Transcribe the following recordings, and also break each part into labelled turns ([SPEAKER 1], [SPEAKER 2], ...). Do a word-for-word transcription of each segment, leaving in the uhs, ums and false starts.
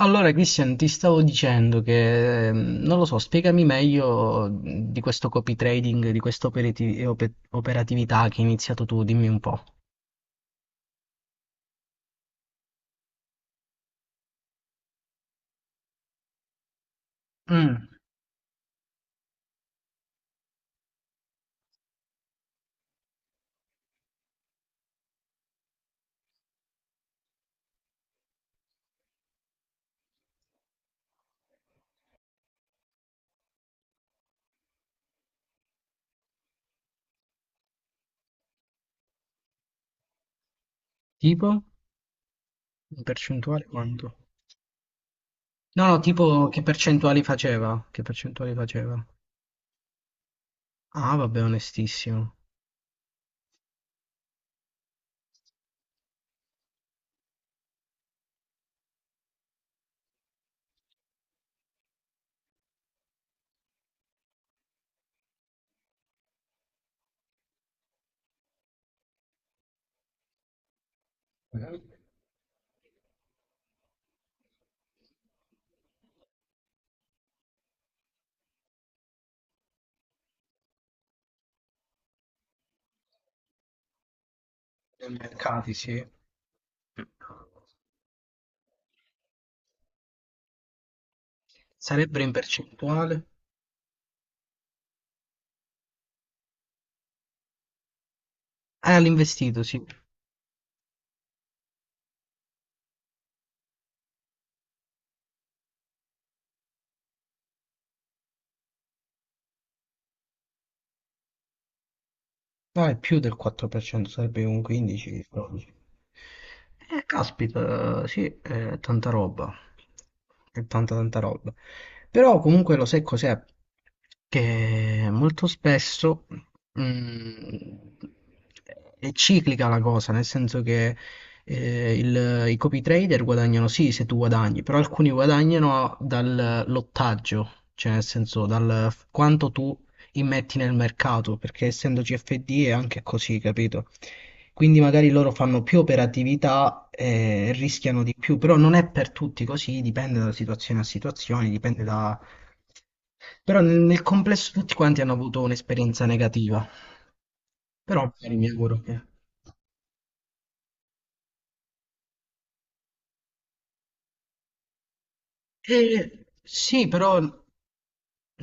[SPEAKER 1] Allora, Christian, ti stavo dicendo che, ehm, non lo so, spiegami meglio mh, di questo copy trading, di questa operati- e ope- operatività che hai iniziato tu, dimmi un po'. Mm. Tipo? In percentuale quanto? No, no, tipo che percentuali faceva? Che percentuali faceva? Ah, vabbè, onestissimo. Nei mercati, sì. Sarebbero in percentuale? Eh, all'investito, sì. No, è più del quattro per cento, sarebbe un quindici a dodici. Eh, caspita, sì, è tanta roba. È tanta tanta roba. Però comunque lo sai cos'è? Che molto spesso mm, è ciclica la cosa, nel senso che eh, il- i copy trader guadagnano sì se tu guadagni, però alcuni guadagnano dal lottaggio, cioè nel senso dal f- quanto tu immetti nel mercato, perché essendo C F D è anche così, capito? Quindi magari loro fanno più operatività e rischiano di più, però non è per tutti così, dipende da situazione a situazione, dipende da... Però nel, nel complesso tutti quanti hanno avuto un'esperienza negativa, però magari mi auguro che... Eh, sì, però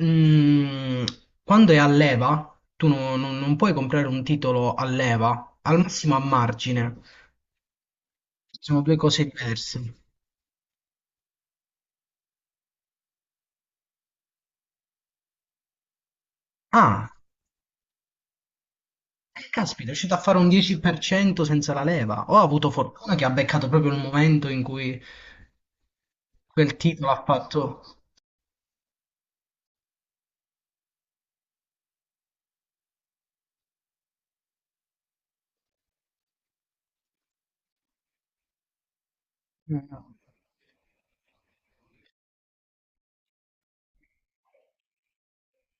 [SPEAKER 1] mm, quando è a leva, tu non, non- non puoi comprare un titolo a leva, al massimo a margine, sono due cose diverse. Ah. E caspita, è riuscito a fare un dieci per cento senza la leva. Ho avuto fortuna che ha beccato proprio il momento in cui quel titolo ha fatto. Eh,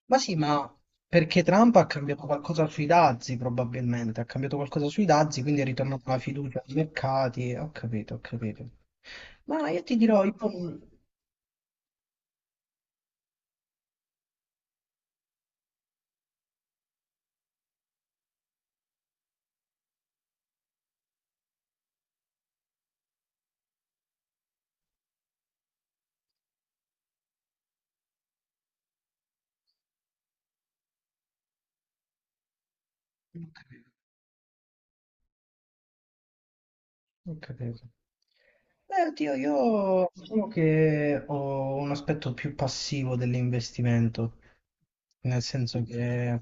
[SPEAKER 1] Ma sì, ma perché Trump ha cambiato qualcosa sui dazi, probabilmente. Ha cambiato qualcosa sui dazi, quindi è ritornata la fiducia ai mercati. Ho capito, ho capito. Ma io ti dirò, io... Ho capito, ho capito. Eh, oddio, io diciamo che ho un aspetto più passivo dell'investimento, nel senso che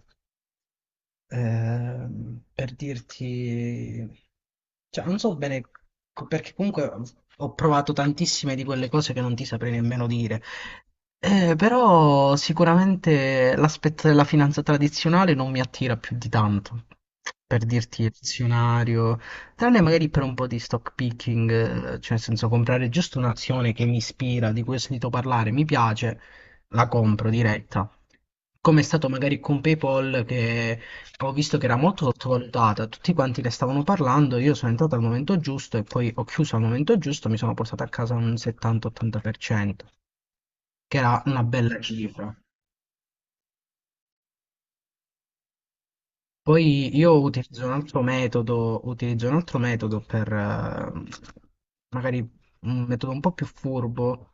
[SPEAKER 1] Ehm, per dirti, cioè, non so bene co- perché comunque ho provato tantissime di quelle cose che non ti saprei nemmeno dire. Eh, però sicuramente l'aspetto della finanza tradizionale non mi attira più di tanto. Per dirti il azionario, tranne magari per un po' di stock picking, eh, cioè nel senso comprare giusto un'azione che mi ispira, di cui ho sentito parlare, mi piace, la compro diretta. Come è stato magari con PayPal che ho visto che era molto sottovalutata, tutti quanti ne stavano parlando, io sono entrato al momento giusto e poi ho chiuso al momento giusto, mi sono portato a casa un settanta-ottanta per cento, che era una bella cifra. Poi io utilizzo un altro metodo, utilizzo un altro metodo per eh, magari un metodo un po' più furbo,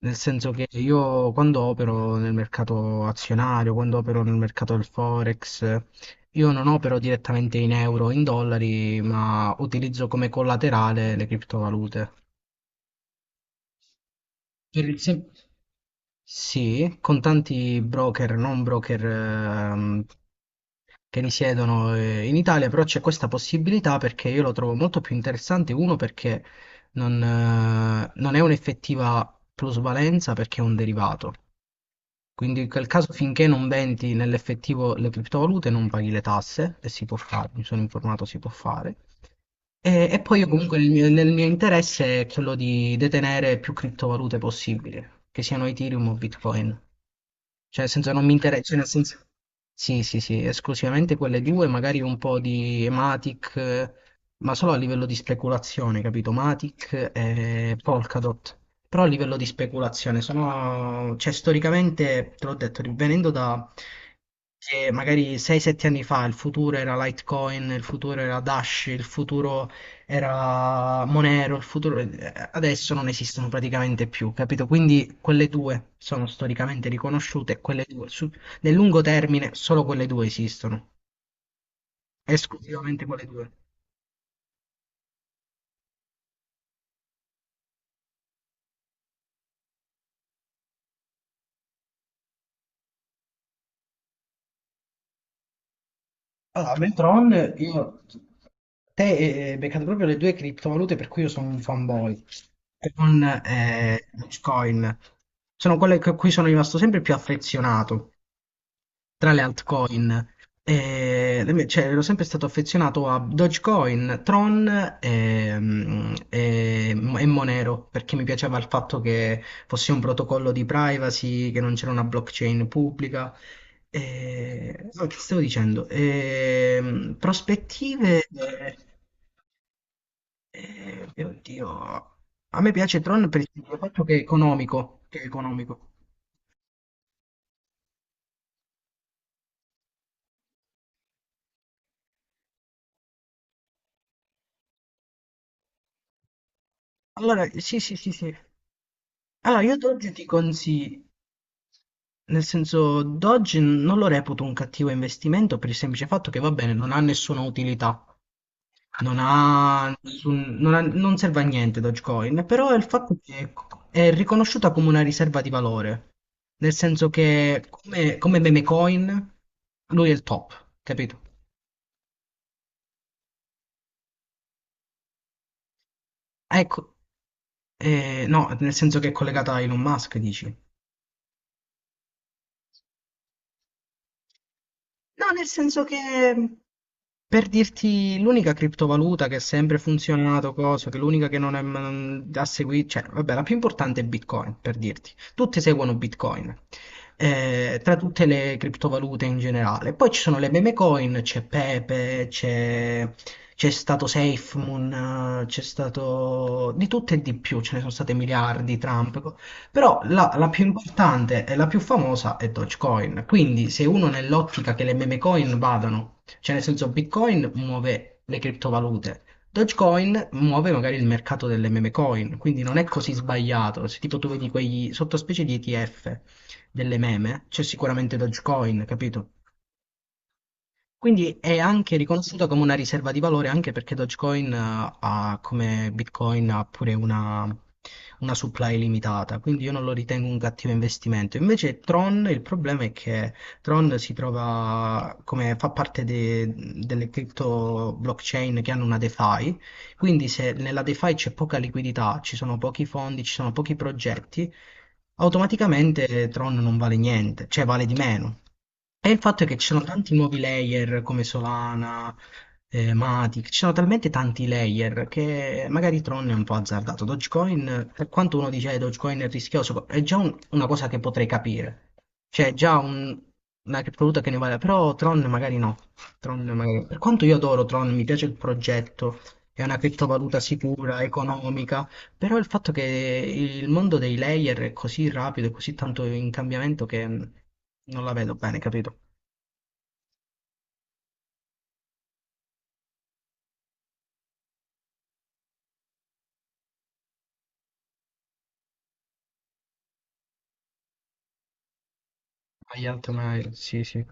[SPEAKER 1] nel senso che io quando opero nel mercato azionario, quando opero nel mercato del Forex, io non opero direttamente in euro, o in dollari, ma utilizzo come collaterale le criptovalute. Per il sem- sì, con tanti broker, non broker ehm, che risiedono eh, in Italia, però c'è questa possibilità perché io lo trovo molto più interessante. Uno, perché non, eh, non è un'effettiva plusvalenza perché è un derivato. Quindi in quel caso finché non vendi nell'effettivo le criptovalute non paghi le tasse, e si può fare, mi sono informato si può fare. E, e poi io comunque il mio- nel mio interesse è quello di detenere più criptovalute possibile, che siano Ethereum o Bitcoin. Cioè, nel senso non mi interessa, cioè, nel senso... Sì, sì, sì, esclusivamente quelle due, magari un po' di Matic, eh, ma solo a livello di speculazione, capito? Matic e Polkadot. Però a livello di speculazione sono... Cioè, storicamente, te l'ho detto, venendo da... che magari sei sette anni fa il futuro era Litecoin, il futuro era Dash, il futuro era Monero, il futuro, eh, adesso non esistono praticamente più, capito? Quindi quelle due sono storicamente riconosciute, e quelle due, su- nel lungo termine solo quelle due esistono, esclusivamente quelle due. Allora, Metron, io... Te eh, hai beccato proprio le due criptovalute per cui io sono un fanboy. Con eh, Dogecoin. Sono quelle a cui sono rimasto sempre più affezionato, tra le altcoin. E, e, cioè, ero sempre stato affezionato a Dogecoin, Tron ehm, e, e Monero perché mi piaceva il fatto che fosse un protocollo di privacy, che non c'era una blockchain pubblica. E no, che stavo dicendo? Ehm, prospettive. eh, eh, eh, oddio, a me piace Tron per il semplice fatto che è economico, che è economico. Allora, sì, sì, sì, sì. Allora, io ad oggi ti consiglio, nel senso, Dodge non lo reputo un cattivo investimento per il semplice fatto che, va bene, non ha nessuna utilità, non ha nessun- non ha- non serve a niente Dogecoin, però è il fatto che è riconosciuta come una riserva di valore, nel senso che come, come meme coin lui è il top, capito? Ecco, eh, no, nel senso che è collegata a Elon Musk, dici? No, nel senso che per dirti, l'unica criptovaluta che ha sempre funzionato, cosa, che l'unica che non è, mm, ha seguito, cioè, vabbè, la più importante è Bitcoin, per dirti. Tutti seguono Bitcoin, eh, tra tutte le criptovalute in generale. Poi ci sono le meme coin, c'è Pepe, c'è c'è stato SafeMoon, eh, c'è stato di tutto e di più, ce ne sono state miliardi, Trump, co- però la, la più importante e la più famosa è Dogecoin. Quindi, se uno nell'ottica che le meme coin vadano cioè, nel senso, Bitcoin muove le criptovalute, Dogecoin muove magari il mercato delle meme coin, quindi non è così sbagliato. Se tipo tu vedi quegli sottospecie di E T F delle meme, c'è sicuramente Dogecoin, capito? Quindi è anche riconosciuta come una riserva di valore anche perché Dogecoin eh, ha, come Bitcoin ha pure una, una supply limitata, quindi io non lo ritengo un cattivo investimento. Invece Tron, il problema è che Tron si trova come fa parte de- delle crypto blockchain che hanno una DeFi, quindi se nella DeFi c'è poca liquidità, ci sono pochi fondi, ci sono pochi progetti, automaticamente Tron non vale niente, cioè vale di meno. E il fatto è che ci sono tanti nuovi layer come Solana, eh, Matic, ci sono talmente tanti layer che magari Tron è un po' azzardato. Dogecoin, per quanto uno dice che Dogecoin è rischioso, è già un- una cosa che potrei capire. Cioè, è già un- una criptovaluta che ne vale, però Tron magari no. Tron magari- Per quanto io adoro Tron, mi piace il progetto, è una criptovaluta sicura, economica, però il fatto che il mondo dei layer è così rapido e così tanto in cambiamento che mh, non la vedo bene, capito? Agli altri, magari, sì, sì.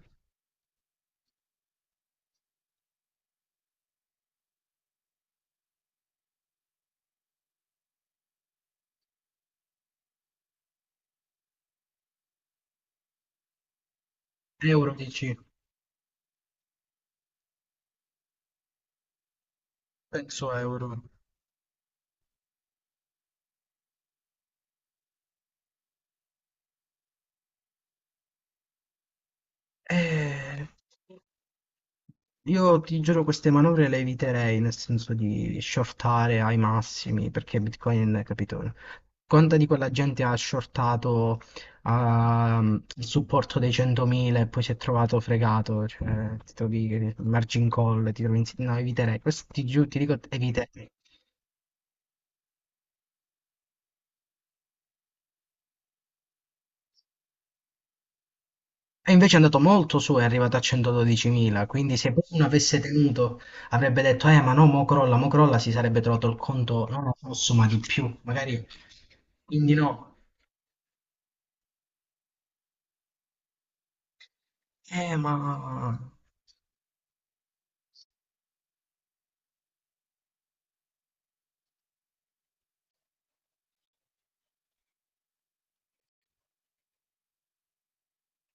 [SPEAKER 1] Euro dici? Penso a euro. Eh, Io ti giuro queste manovre le eviterei, nel senso di shortare ai massimi, perché Bitcoin, capito? Conta di quella gente ha shortato ah, il supporto dei centomila e poi si è trovato fregato, cioè, ti trovi il margin call, ti trovi... in- No, eviterei, questo ti giuro, ti dico, eviterei. È invece è andato molto su, è arrivato a centododicimila, quindi se poi uno avesse tenuto avrebbe detto, eh ma no, mo crolla, mo crolla, si sarebbe trovato il conto, no, no, posso, ma di più, magari, quindi no, eh ma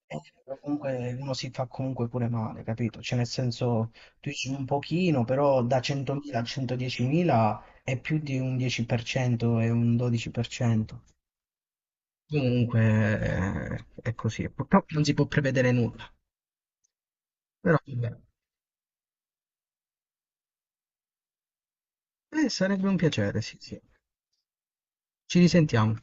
[SPEAKER 1] eh, comunque uno si fa comunque pure male, capito? Cioè nel senso, tu dici un pochino, però da centomila a centodiecimila è più di un dieci per cento e un dodici per cento. Comunque eh, è così, purtroppo non si può prevedere nulla, però vabbè. Eh, sarebbe un piacere, sì, sì. Ci risentiamo.